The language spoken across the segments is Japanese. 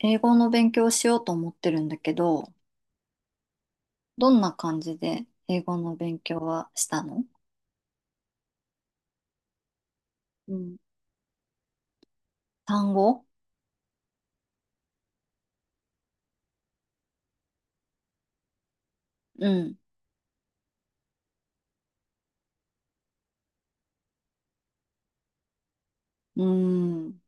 英語の勉強をしようと思ってるんだけど、どんな感じで英語の勉強はしたの？うん。単語。うん。うーん。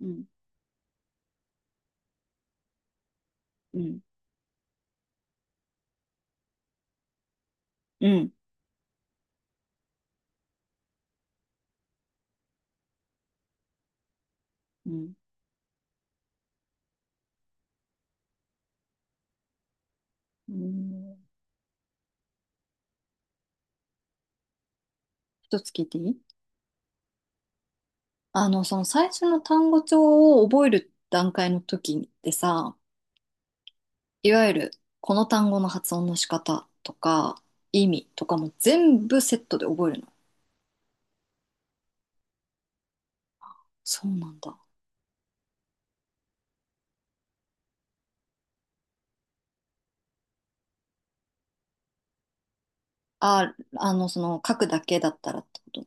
うん。うん。うん。うん。うん。一つ聞いていい？あの、その最初の単語帳を覚える段階の時ってさ、いわゆるこの単語の発音の仕方とか意味とかも全部セットで覚えるの？そうなんだ。あ、あの、その書くだけだったらってこと？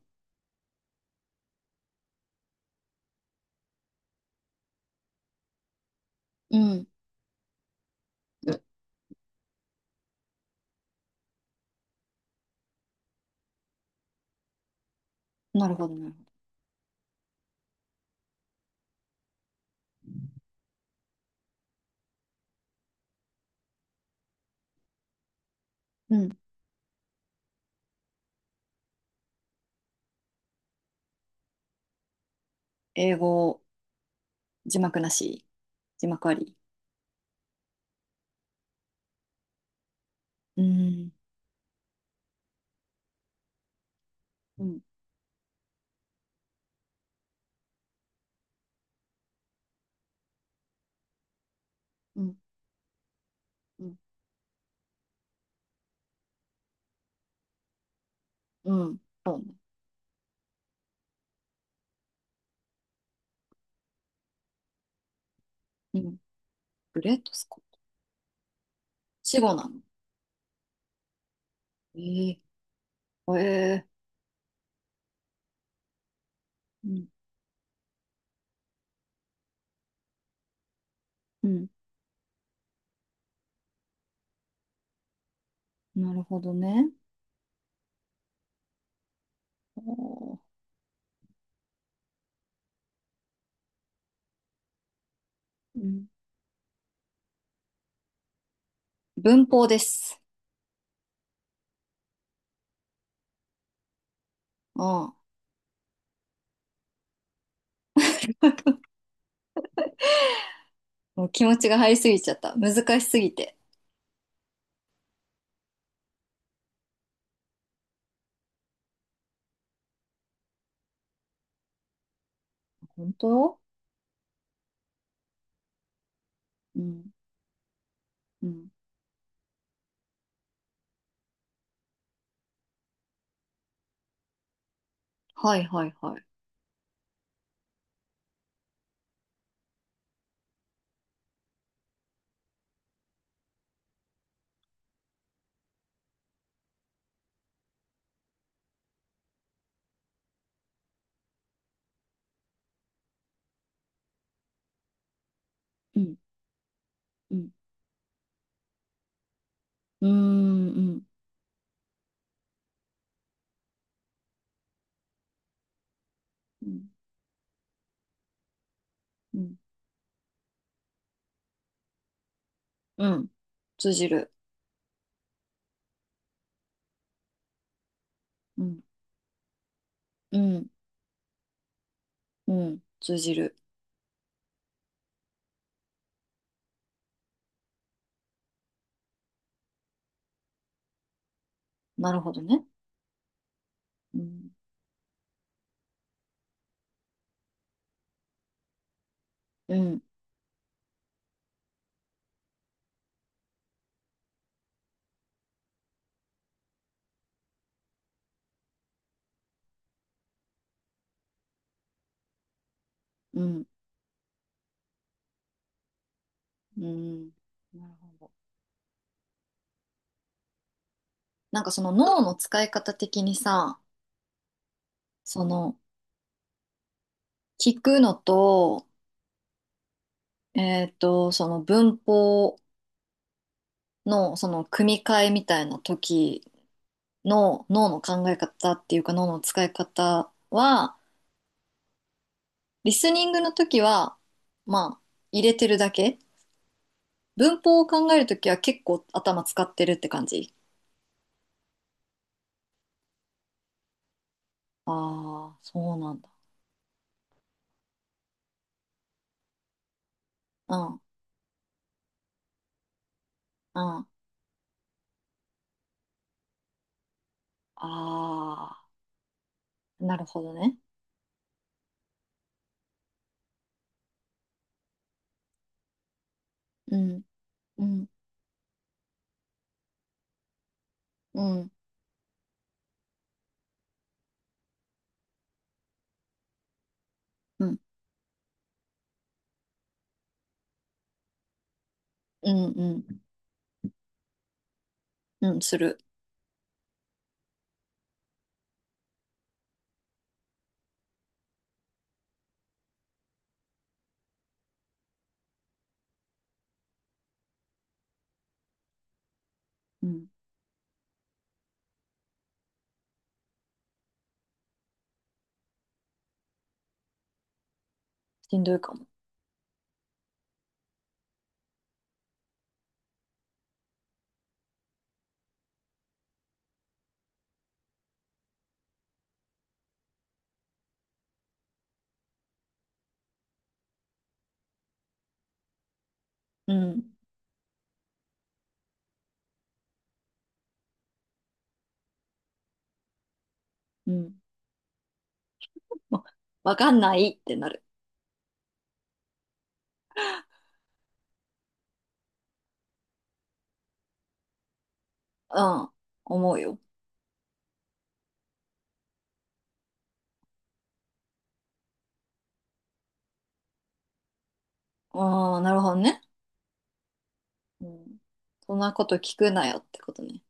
うん。なるほどね。うん。英語、字幕なし？字幕あり？うん。うん。うん。うん。うん。そうね。うん。グレートスコット。死語なの？ええ。ええ。うん。うん。なるほどね。おー。うん。文法です。うん。もう気持ちが入りすぎちゃった。難しすぎて。本当？うん。うん。はいはいはい。うん。うん。うーん。うん。うん。うん。通じる。うん。うん。うん。通じる。なるほどね。うん、うん、うん、うん。なるほど。なんかその脳の使い方的にさ、その聞くのと、えっと、その文法のその組み替えみたいな時の脳の考え方っていうか脳の使い方は、リスニングの時は、まあ、入れてるだけ。文法を考える時は結構頭使ってるって感じ？ああ、そうなんだ。うん、うん。ああ。なるほどね。うん、うん、うん、うん、うん、うん、うん、する。うん、しんどいかも。うん、うん。わ、わかんないってなる。うん、思うよ。ああ、なるほどね。うん。そんなこと聞くなよってことね。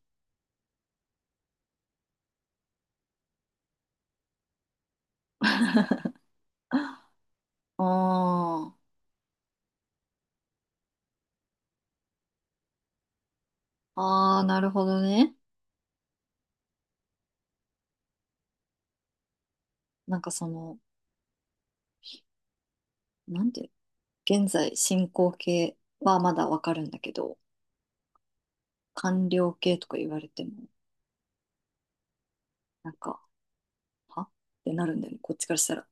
ああ、ああ、なるほどね。なんかその、なんていうの、現在進行形はまだわかるんだけど、完了形とか言われても、なんか、はってなるんだよね、こっちからしたら。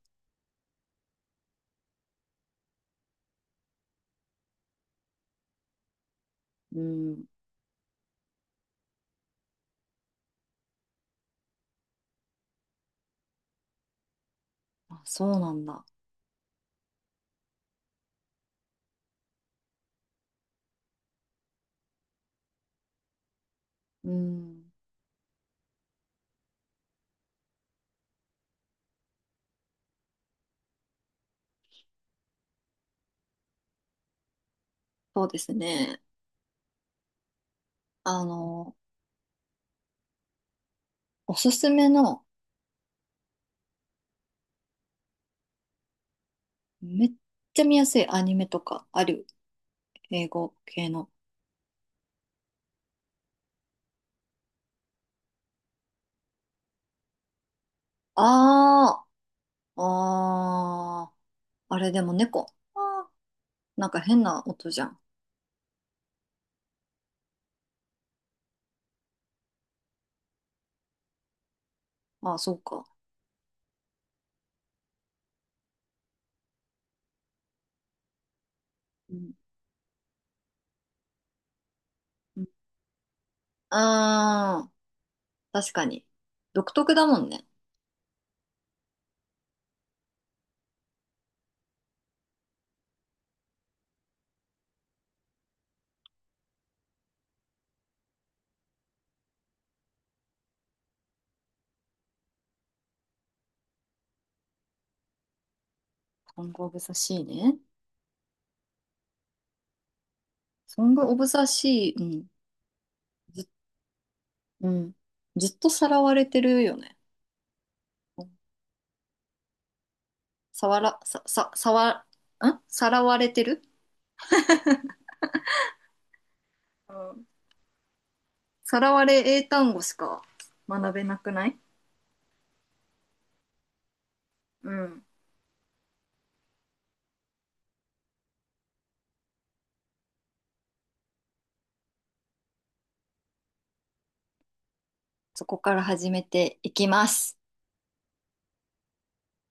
うん。あ、そうなんだ。うん。そうですね。あの、おすすめの、めっちゃ見やすいアニメとかある？英語系の。ああ、ああ、あれでも猫。あー、なんか変な音じゃん。ああ、そうか。うん。うん。ああ、確かに。独特だもんね。ソングオブザシーね。ソングオブザシー、うん。ず、うん。ずっとさらわれてるよね。さわら、さ、さ、さわ、んさらわれてる。うん。さらわれ英単語しか学べなくない？うん。そこから始めていきます。